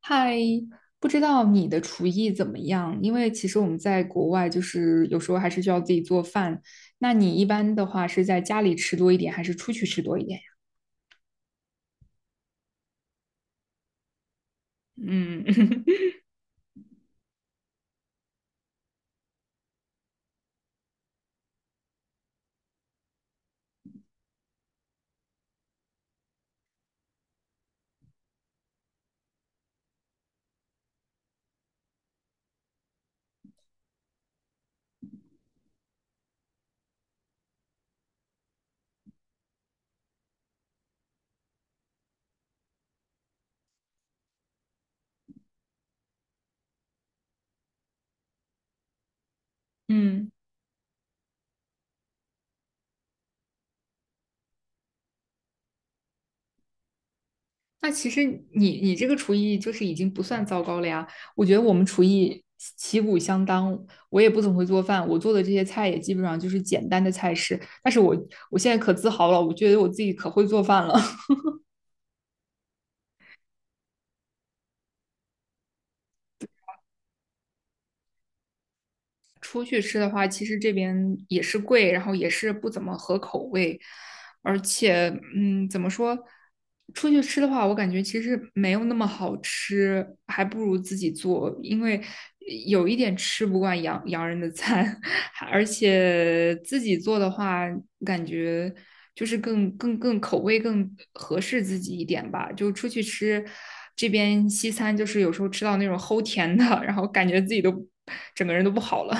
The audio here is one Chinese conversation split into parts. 嗨，不知道你的厨艺怎么样？因为其实我们在国外，就是有时候还是需要自己做饭。那你一般的话是在家里吃多一点，还是出去吃多一点呀？嗯 嗯，那其实你这个厨艺就是已经不算糟糕了呀。我觉得我们厨艺旗鼓相当，我也不怎么会做饭，我做的这些菜也基本上就是简单的菜式。但是我现在可自豪了，我觉得我自己可会做饭了。出去吃的话，其实这边也是贵，然后也是不怎么合口味，而且，怎么说？出去吃的话，我感觉其实没有那么好吃，还不如自己做，因为有一点吃不惯洋人的餐，而且自己做的话，感觉就是更口味更合适自己一点吧。就出去吃，这边西餐就是有时候吃到那种齁甜的，然后感觉自己都整个人都不好了。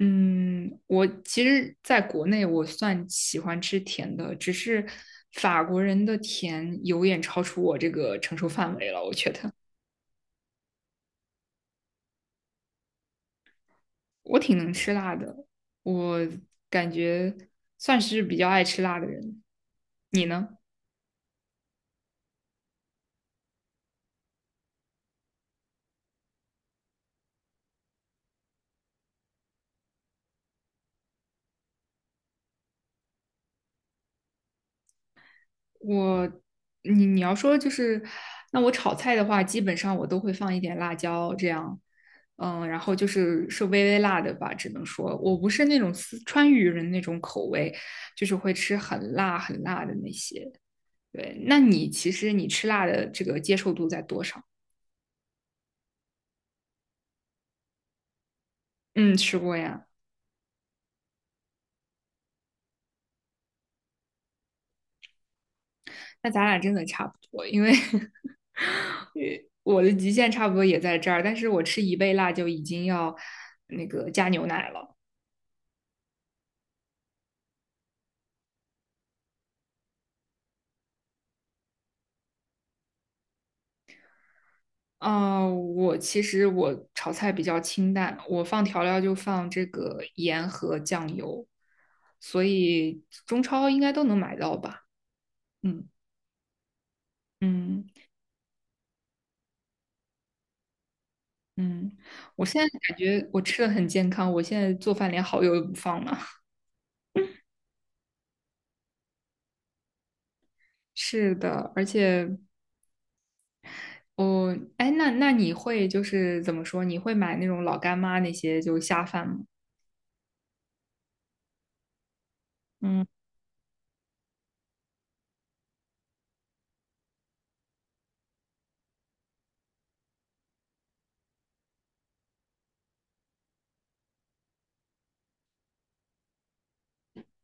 嗯，我其实在国内我算喜欢吃甜的，只是法国人的甜有点超出我这个承受范围了。我觉得我挺能吃辣的，我感觉算是比较爱吃辣的人。你呢？我，你要说就是，那我炒菜的话，基本上我都会放一点辣椒，这样，然后就是微微辣的吧，只能说我不是那种四川渝人那种口味，就是会吃很辣很辣的那些。对，那你其实吃辣的这个接受度在多少？嗯，吃过呀。那咱俩真的差不多，因为 我的极限差不多也在这儿，但是我吃一倍辣就已经要那个加牛奶了。啊，我其实炒菜比较清淡，我放调料就放这个盐和酱油，所以中超应该都能买到吧？嗯嗯嗯，我现在感觉我吃的很健康，我现在做饭连蚝油都不放了。是的，而且哎，那你会就是怎么说？你会买那种老干妈那些就下饭吗？嗯，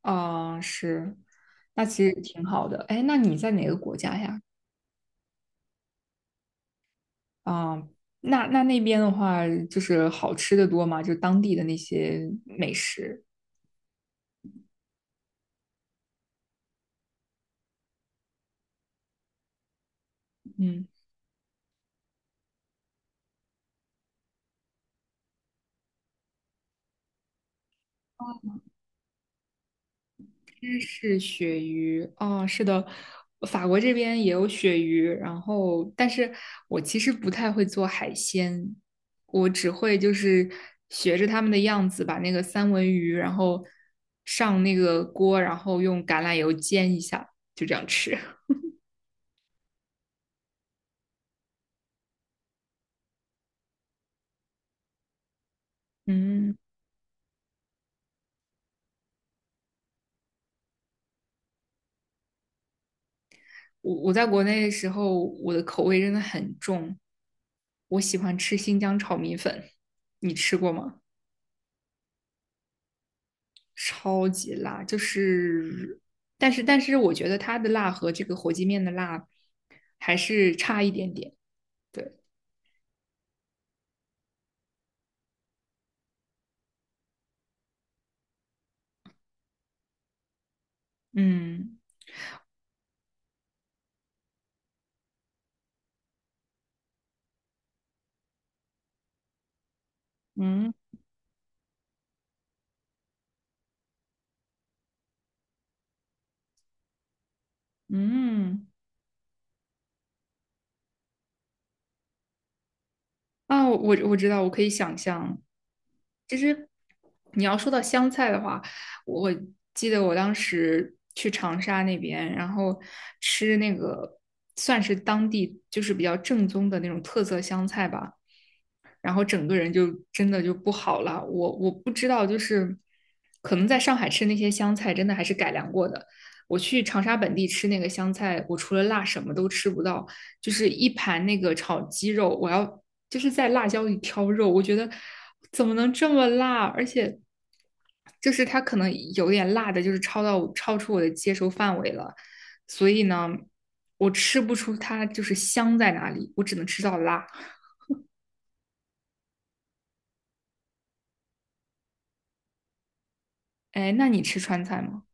啊，是，那其实挺好的。哎，那你在哪个国家呀？啊，那那边的话，就是好吃的多嘛，就当地的那些美食。嗯，芝士鳕鱼哦，是的，法国这边也有鳕鱼，然后但是我其实不太会做海鲜，我只会就是学着他们的样子，把那个三文鱼，然后上那个锅，然后用橄榄油煎一下，就这样吃。嗯。我在国内的时候，我的口味真的很重，我喜欢吃新疆炒米粉，你吃过吗？超级辣，就是，但是我觉得它的辣和这个火鸡面的辣还是差一点点。对，嗯嗯嗯，啊，我知道，我可以想象，其实你要说到湘菜的话，我记得我当时去长沙那边，然后吃那个算是当地就是比较正宗的那种特色湘菜吧，然后整个人就真的就不好了。我不知道，就是可能在上海吃那些湘菜，真的还是改良过的。我去长沙本地吃那个湘菜，我除了辣什么都吃不到，就是一盘那个炒鸡肉，我要就是在辣椒里挑肉，我觉得怎么能这么辣？而且就是它可能有点辣的，就是超到超出我的接受范围了，所以呢，我吃不出它就是香在哪里，我只能吃到辣。哎，那你吃川菜吗？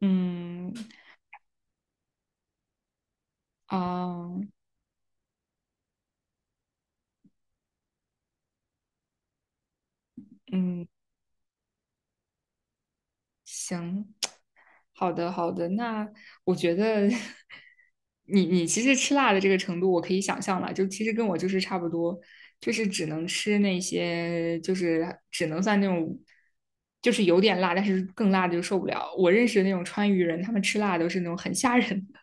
嗯，啊，嗯，行，好的，好的。那我觉得 你其实吃辣的这个程度，我可以想象了，就其实跟我就是差不多，就是只能吃那些，就是只能算那种，就是有点辣，但是更辣的就受不了。我认识的那种川渝人，他们吃辣都是那种很吓人的。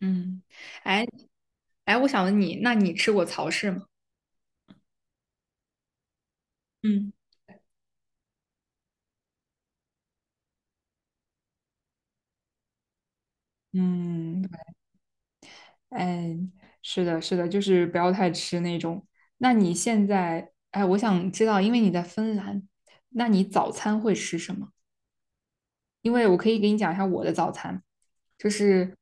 嗯，哎，哎，我想问你，那你吃过曹氏吗？嗯。嗯，嗯，是的，是的，就是不要太吃那种。那你现在，哎，我想知道，因为你在芬兰，那你早餐会吃什么？因为我可以给你讲一下我的早餐，就是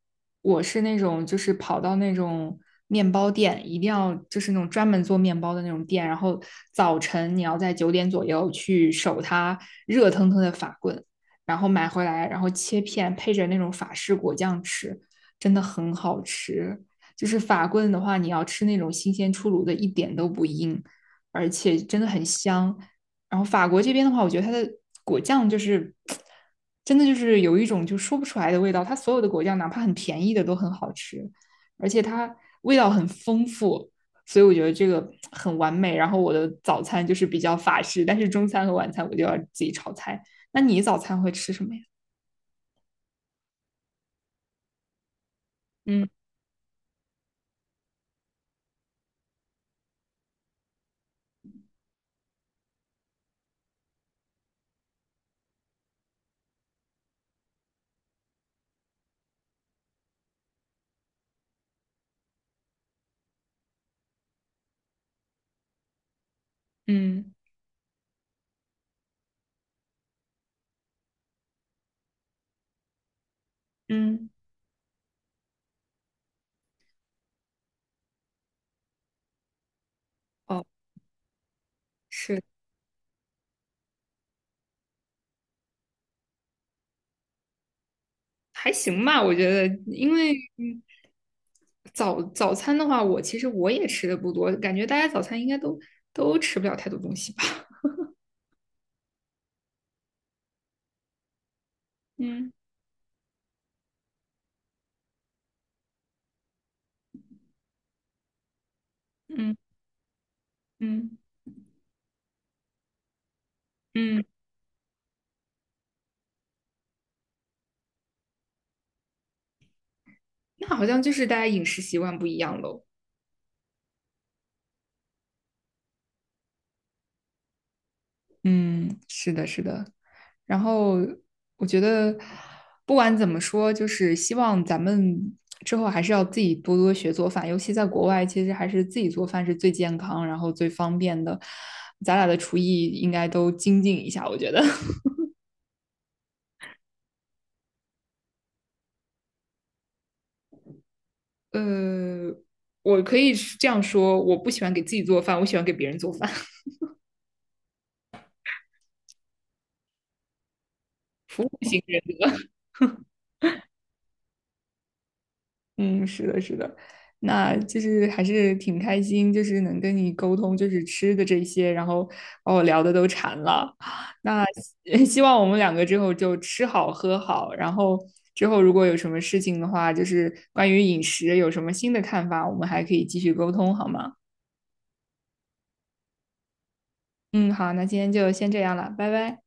我是那种就是跑到那种面包店，一定要就是那种专门做面包的那种店，然后早晨你要在9点左右去守它热腾腾的法棍，然后买回来，然后切片配着那种法式果酱吃，真的很好吃。就是法棍的话，你要吃那种新鲜出炉的，一点都不硬，而且真的很香。然后法国这边的话，我觉得它的果酱就是真的就是有一种就说不出来的味道，它所有的果酱哪怕很便宜的都很好吃，而且它味道很丰富，所以我觉得这个很完美。然后我的早餐就是比较法式，但是中餐和晚餐我就要自己炒菜。那你早餐会吃什么呀？嗯嗯嗯，哦，是。还行吧，我觉得，因为早餐的话，我其实我也吃的不多，感觉大家早餐应该都吃不了太多东西吧。嗯嗯嗯嗯，那好像就是大家饮食习惯不一样喽。嗯，是的，是的。然后我觉得，不管怎么说，就是希望咱们之后还是要自己多多学做饭，尤其在国外，其实还是自己做饭是最健康，然后最方便的。咱俩的厨艺应该都精进一下，我觉得。呃，我可以这样说，我不喜欢给自己做饭，我喜欢给别人做饭，服务型人格。嗯，是的，是的，那就是还是挺开心，就是能跟你沟通，就是吃的这些，然后把我聊的都馋了。那希 希望我们两个之后就吃好喝好，然后之后如果有什么事情的话，就是关于饮食有什么新的看法，我们还可以继续沟通，好吗？嗯，好，那今天就先这样了，拜拜。